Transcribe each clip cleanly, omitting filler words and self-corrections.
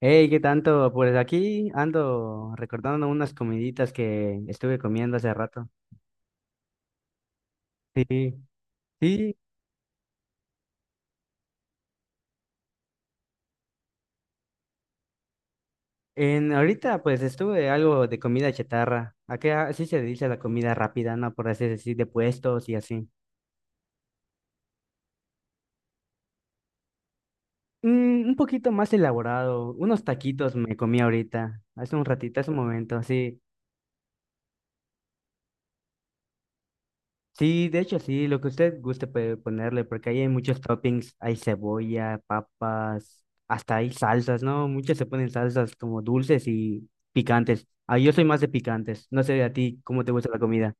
Hey, ¿qué tanto? Pues aquí ando recordando unas comiditas que estuve comiendo hace rato. Sí, sí. En ahorita pues estuve algo de comida chatarra. Acá así se dice la comida rápida, ¿no? Por así decir, de puestos y así. Mm, un poquito más elaborado. Unos taquitos me comí ahorita, hace un ratito, hace un momento, así. Sí, de hecho, sí, lo que usted guste puede ponerle, porque ahí hay muchos toppings, hay cebolla, papas, hasta hay salsas, ¿no? Muchas se ponen salsas como dulces y picantes. Ah, yo soy más de picantes, no sé a ti cómo te gusta la comida.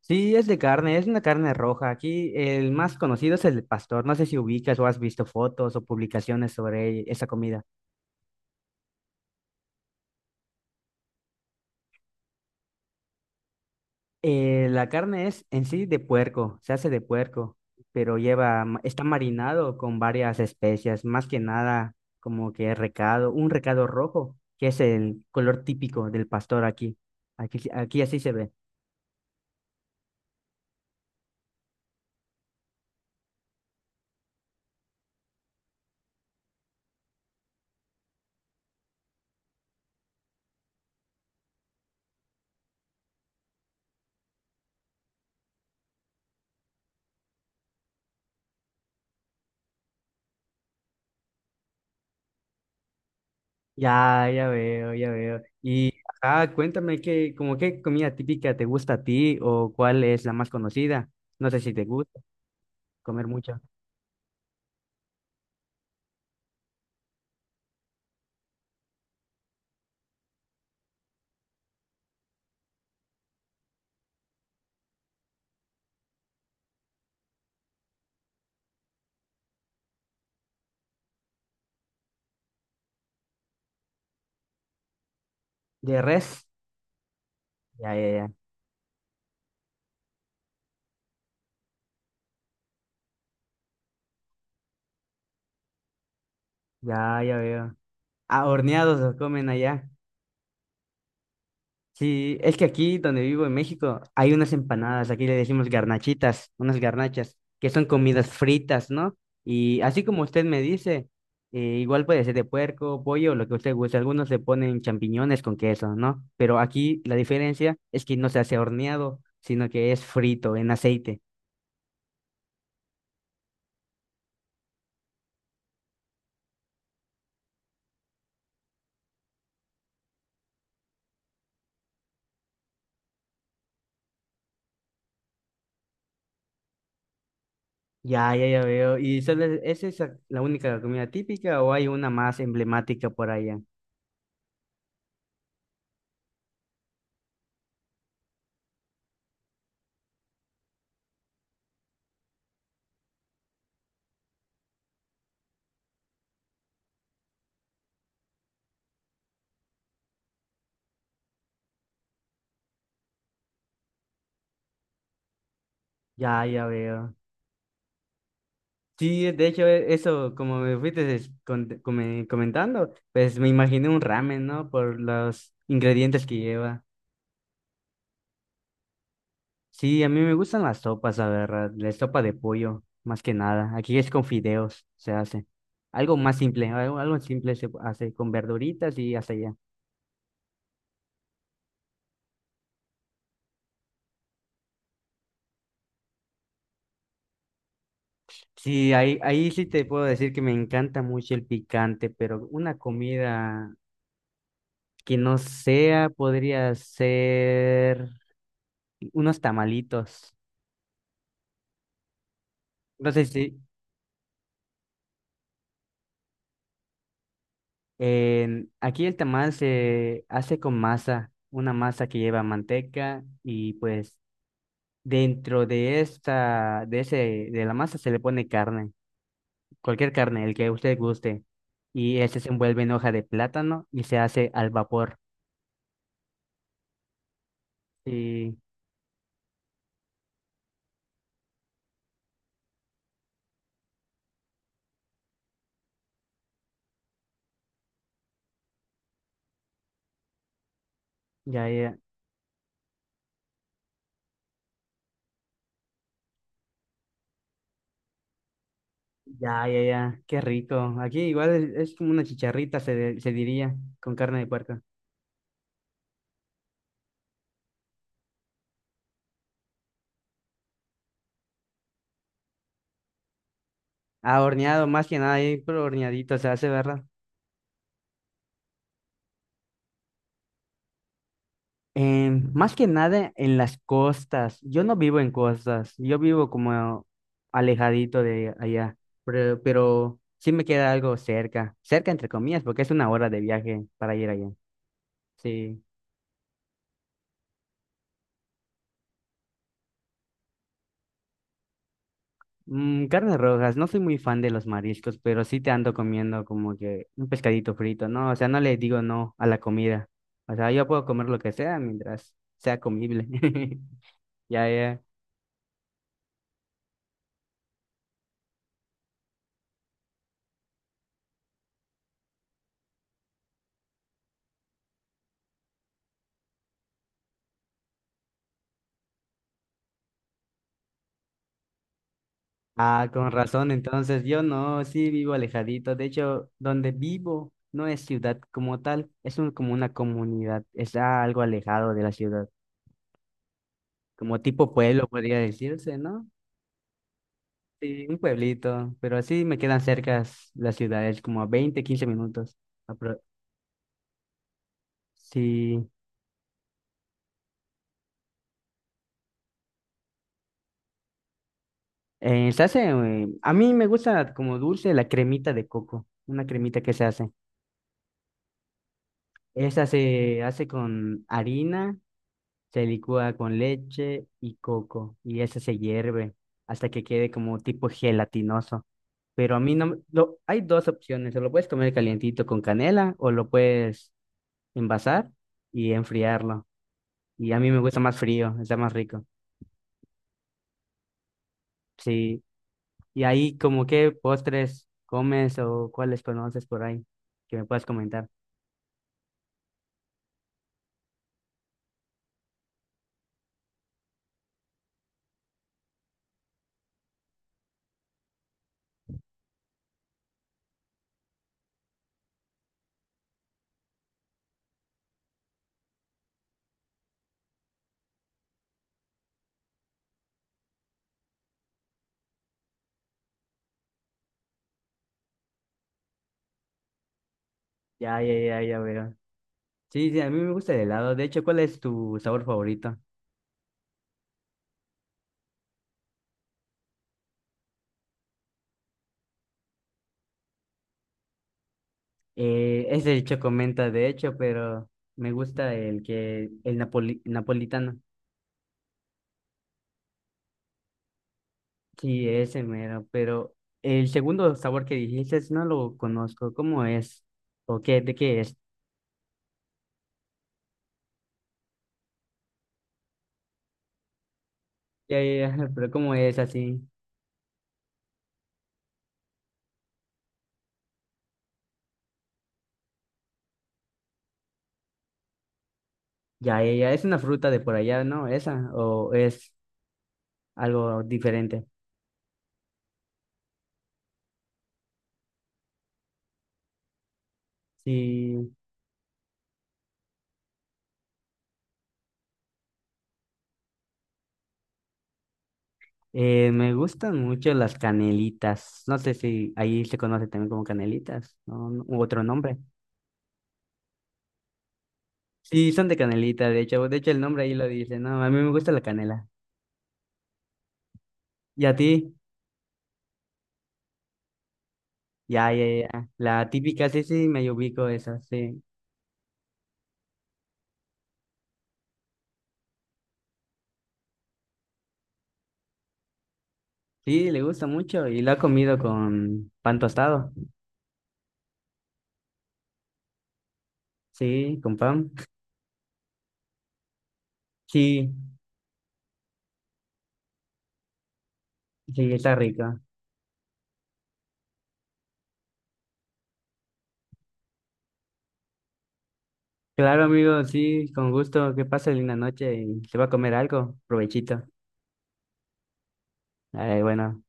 Sí, es de carne, es una carne roja. Aquí el más conocido es el pastor, no sé si ubicas o has visto fotos o publicaciones sobre esa comida. La carne es en sí de puerco, se hace de puerco, pero lleva, está marinado con varias especias, más que nada como que recado, un recado rojo, que es el color típico del pastor aquí. Aquí, aquí así se ve. Ya, ya veo, ya veo. Y ajá, cuéntame qué, como qué comida típica te gusta a ti o cuál es la más conocida. No sé si te gusta comer mucho. ¿De res? Ya, ya, ya. Ya, ya veo. Ah, horneados los comen allá. Sí, es que aquí donde vivo en México hay unas empanadas, aquí le decimos garnachitas, unas garnachas, que son comidas fritas, ¿no? Y así como usted me dice, igual puede ser de puerco, pollo, lo que usted guste. Algunos le ponen champiñones con queso, ¿no? Pero aquí la diferencia es que no se hace horneado, sino que es frito en aceite. Ya, ya, ya veo. ¿Y solo es esa la única comida típica o hay una más emblemática por allá? Ya, ya veo. Sí, de hecho, eso, como me fuiste comentando, pues me imaginé un ramen, ¿no? Por los ingredientes que lleva. Sí, a mí me gustan las sopas, la verdad, la sopa de pollo, más que nada. Aquí es con fideos, se hace. Algo más simple, algo simple se hace con verduritas y hasta allá. Sí, ahí sí te puedo decir que me encanta mucho el picante, pero una comida que no sea podría ser unos tamalitos. No sé si, aquí el tamal se hace con masa, una masa que lleva manteca y pues dentro de la masa se le pone carne, cualquier carne, el que usted guste, y este se envuelve en hoja de plátano y se hace al vapor. Y ya, ya, ya, ya, ya, qué rico. Aquí igual es como una chicharrita, se diría, con carne de puerco. Ah, horneado, más que nada, ahí, pero horneadito se hace, ¿verdad? Más que nada en las costas. Yo no vivo en costas, yo vivo como alejadito de allá, pero sí me queda algo cerca, cerca entre comillas, porque es una hora de viaje para ir allá. Sí. Mm, carnes rojas, no soy muy fan de los mariscos, pero sí te ando comiendo como que un pescadito frito, ¿no? O sea, no le digo no a la comida. O sea, yo puedo comer lo que sea mientras sea comible. Ya, ya. Ah, con razón, entonces yo no, sí vivo alejadito. De hecho, donde vivo no es ciudad como tal, es como una comunidad, está algo alejado de la ciudad, como tipo pueblo podría decirse, ¿no? Sí, un pueblito, pero así me quedan cerca las ciudades, como a 20 15 minutos. Apro- Sí, se hace, a mí me gusta como dulce la cremita de coco, una cremita que se hace. Esa se hace con harina. Se licúa con leche y coco y ese se hierve hasta que quede como tipo gelatinoso. Pero a mí no me- lo, hay dos opciones, o lo puedes comer calientito con canela o lo puedes envasar y enfriarlo. Y a mí me gusta más frío, está más rico. Sí. Y ahí como qué postres comes o cuáles conoces por ahí que me puedas comentar. Ya, ya, ya, ya veo. Sí, sí, a mí me gusta el helado. De hecho, ¿cuál es tu sabor favorito? Ese el chocomenta, de hecho, pero me gusta el que el napoli- napolitano. Sí, ese mero, pero el segundo sabor que dijiste no lo conozco. ¿Cómo es? ¿O qué? ¿De qué es? Ya, ya, ya, pero ¿cómo es así? Ya, ya, ya, es una fruta de por allá, ¿no? Esa, o es algo diferente. Sí, me gustan mucho las canelitas. No sé si ahí se conoce también como canelitas, ¿no? U otro nombre. Sí, son de canelita, de hecho. De hecho, el nombre ahí lo dice. No, a mí me gusta la canela. ¿Y a ti? Ya, ya, ya. La típica, sí, sí, me ubico esa, sí. Sí, le gusta mucho y lo ha comido con pan tostado. Sí, con pan. Sí, sí, está rico. Claro, amigo, sí, con gusto. Que pase linda noche y se va a comer algo. Provechito. Ay, bueno.